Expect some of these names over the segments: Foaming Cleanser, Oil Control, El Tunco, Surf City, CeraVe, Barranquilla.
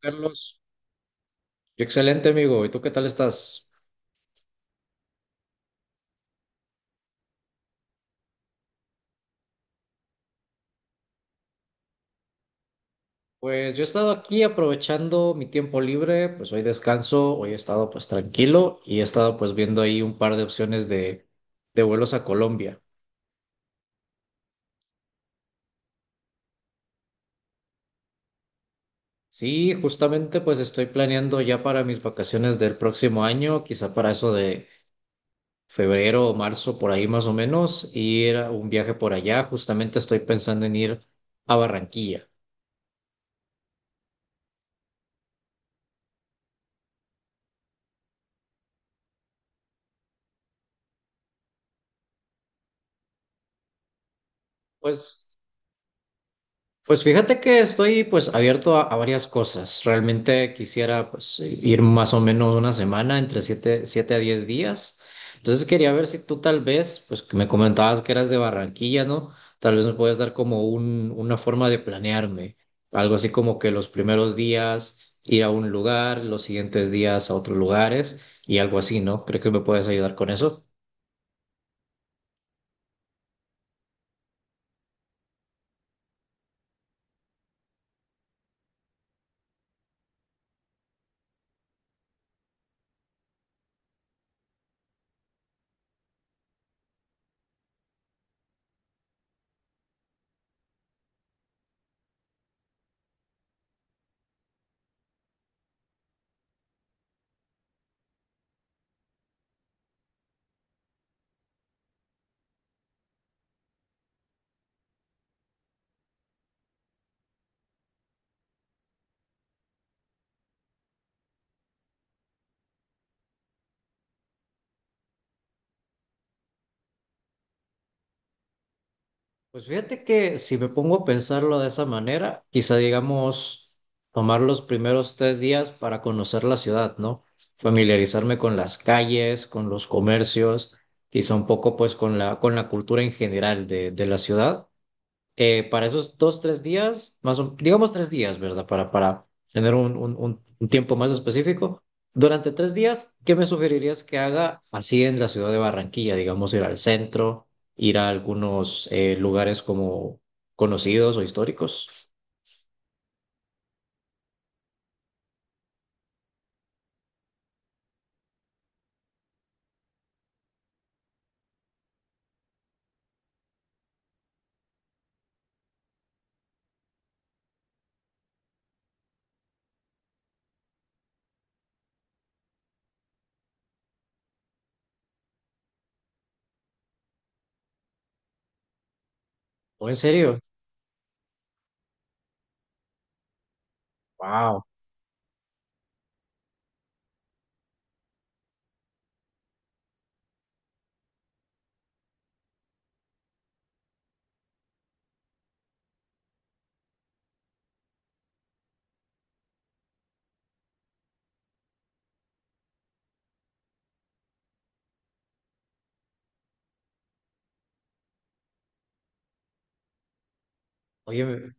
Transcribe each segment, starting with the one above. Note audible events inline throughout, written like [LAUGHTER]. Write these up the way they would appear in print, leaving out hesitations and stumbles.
Carlos, excelente amigo. ¿Y tú qué tal estás? Pues yo he estado aquí aprovechando mi tiempo libre, pues hoy descanso, hoy he estado pues tranquilo y he estado pues viendo ahí un par de opciones de vuelos a Colombia. Sí, justamente pues estoy planeando ya para mis vacaciones del próximo año, quizá para eso de febrero o marzo por ahí más o menos, ir a un viaje por allá. Justamente estoy pensando en ir a Barranquilla. Pues Pues fíjate que estoy pues abierto a varias cosas. Realmente quisiera pues ir más o menos una semana, entre siete a 10 días. Entonces quería ver si tú tal vez, pues que me comentabas que eras de Barranquilla, ¿no? Tal vez me puedes dar como una forma de planearme. Algo así como que los primeros días ir a un lugar, los siguientes días a otros lugares y algo así, ¿no? ¿Crees que me puedes ayudar con eso? Pues fíjate que si me pongo a pensarlo de esa manera, quizá digamos tomar los primeros 3 días para conocer la ciudad, ¿no? Familiarizarme con las calles, con los comercios, quizá un poco pues con la cultura en general de la ciudad. Para esos dos, 3 días, más o, digamos 3 días, ¿verdad? Para tener un tiempo más específico. Durante 3 días, ¿qué me sugerirías que haga así en la ciudad de Barranquilla? Digamos, ir al centro, ir a algunos lugares como conocidos o históricos. ¿O en serio? Wow. Oye.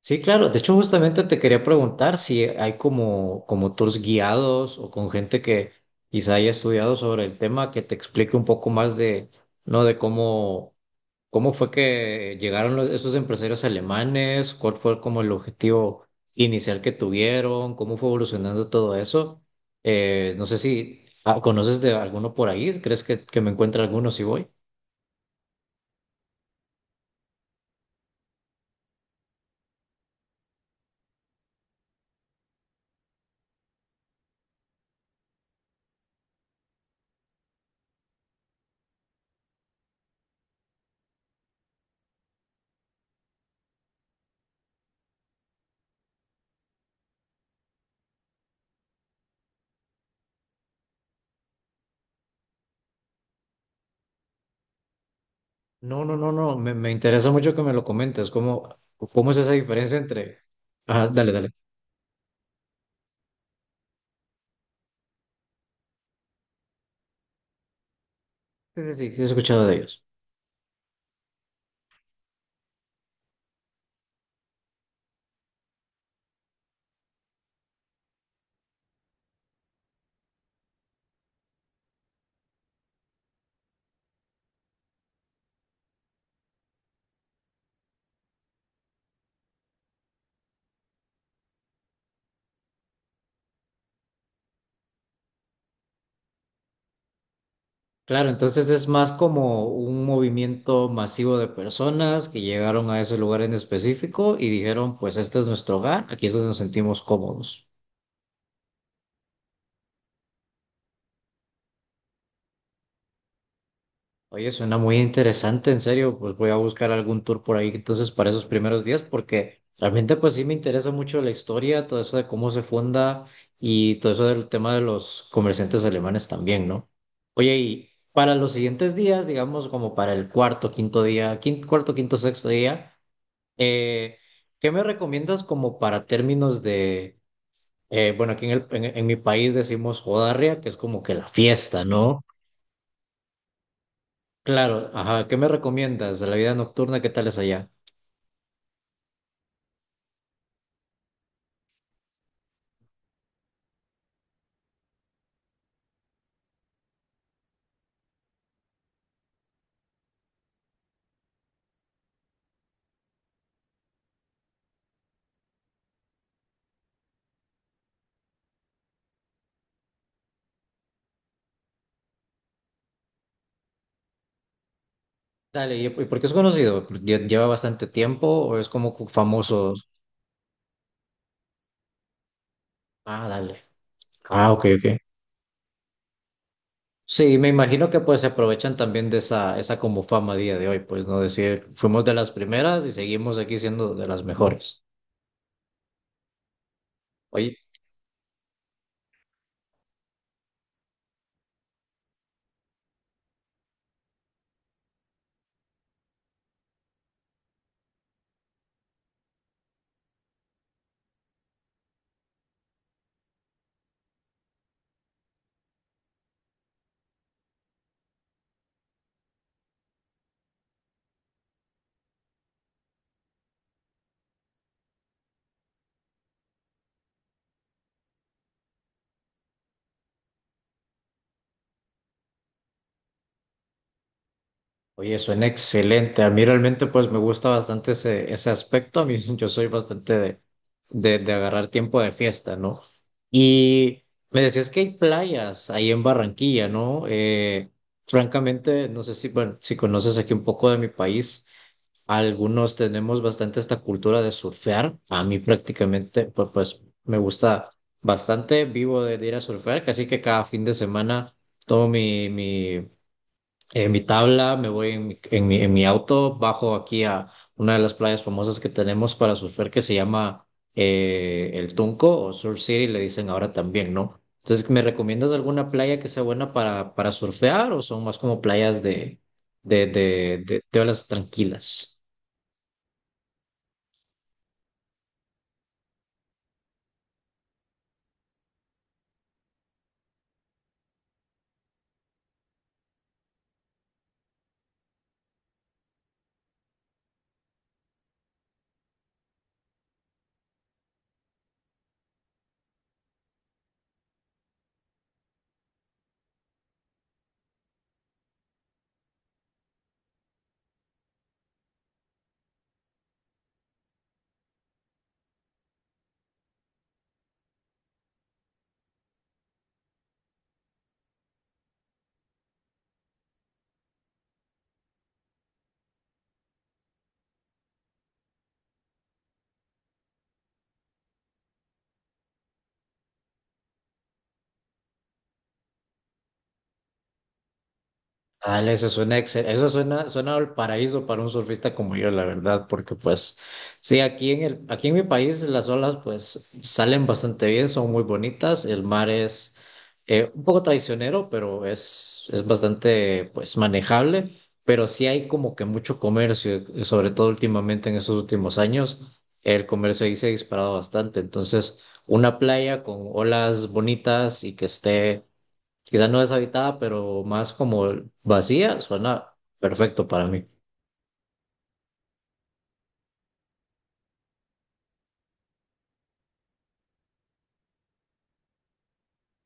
Sí, claro. De hecho, justamente te quería preguntar si hay como tours guiados o con gente que quizá haya estudiado sobre el tema que te explique un poco más de, ¿no? ¿Cómo fue que llegaron esos empresarios alemanes, cuál fue como el objetivo inicial que tuvieron, cómo fue evolucionando todo eso? No sé si conoces de alguno por ahí. ¿Crees que me encuentre alguno si voy? No, no, no, no, me interesa mucho que me lo comentes. ¿Cómo es esa diferencia entre... Ajá, dale, dale. Sí, sí, sí, he escuchado de ellos. Claro, entonces es más como un movimiento masivo de personas que llegaron a ese lugar en específico y dijeron, pues este es nuestro hogar, aquí es donde nos sentimos cómodos. Oye, suena muy interesante, en serio, pues voy a buscar algún tour por ahí entonces para esos primeros días, porque realmente pues sí me interesa mucho la historia, todo eso de cómo se funda y todo eso del tema de los comerciantes alemanes también, ¿no? Oye, y para los siguientes días, digamos como para el cuarto, quinto día, cuarto, quinto, sexto día, eh, ¿qué me recomiendas como para términos de, bueno, aquí en mi país decimos jodarria, que es como que la fiesta, ¿no? Claro, ajá, ¿qué me recomiendas de la vida nocturna? ¿Qué tal es allá? Dale, y por qué es conocido? ¿Lleva bastante tiempo o es como famoso? Ah, dale. Ah, ok, ok. Sí, me imagino que pues se aprovechan también de esa como fama a día de hoy, pues, ¿no? Decir, fuimos de las primeras y seguimos aquí siendo de las mejores. Oye. Oye, suena excelente. A mí realmente pues me gusta bastante ese aspecto. A mí [LAUGHS] yo soy bastante de agarrar tiempo de fiesta, ¿no? Y me decías que hay playas ahí en Barranquilla, ¿no? Francamente, no sé si, bueno, si conoces aquí un poco de mi país. Algunos tenemos bastante esta cultura de surfear. A mí prácticamente pues, pues me gusta bastante. Vivo de ir a surfear, así que cada fin de semana tomo mi en mi tabla, me voy en mi auto, bajo aquí a una de las playas famosas que tenemos para surfear que se llama El Tunco o Surf City, le dicen ahora también, ¿no? Entonces, ¿me recomiendas alguna playa que sea buena para surfear o son más como playas de olas tranquilas? Ah, eso suena eso suena, suena al paraíso para un surfista como yo, la verdad, porque pues sí, aquí aquí en mi país las olas pues salen bastante bien, son muy bonitas, el mar es un poco traicionero, pero es bastante pues manejable, pero sí hay como que mucho comercio, y sobre todo últimamente en estos últimos años, el comercio ahí se ha disparado bastante. Entonces, una playa con olas bonitas y que esté quizás no deshabitada, pero más como vacía, suena perfecto para mí.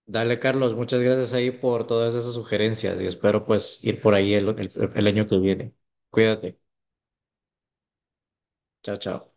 Dale, Carlos, muchas gracias ahí por todas esas sugerencias y espero pues ir por ahí el año que viene. Cuídate. Chao, chao.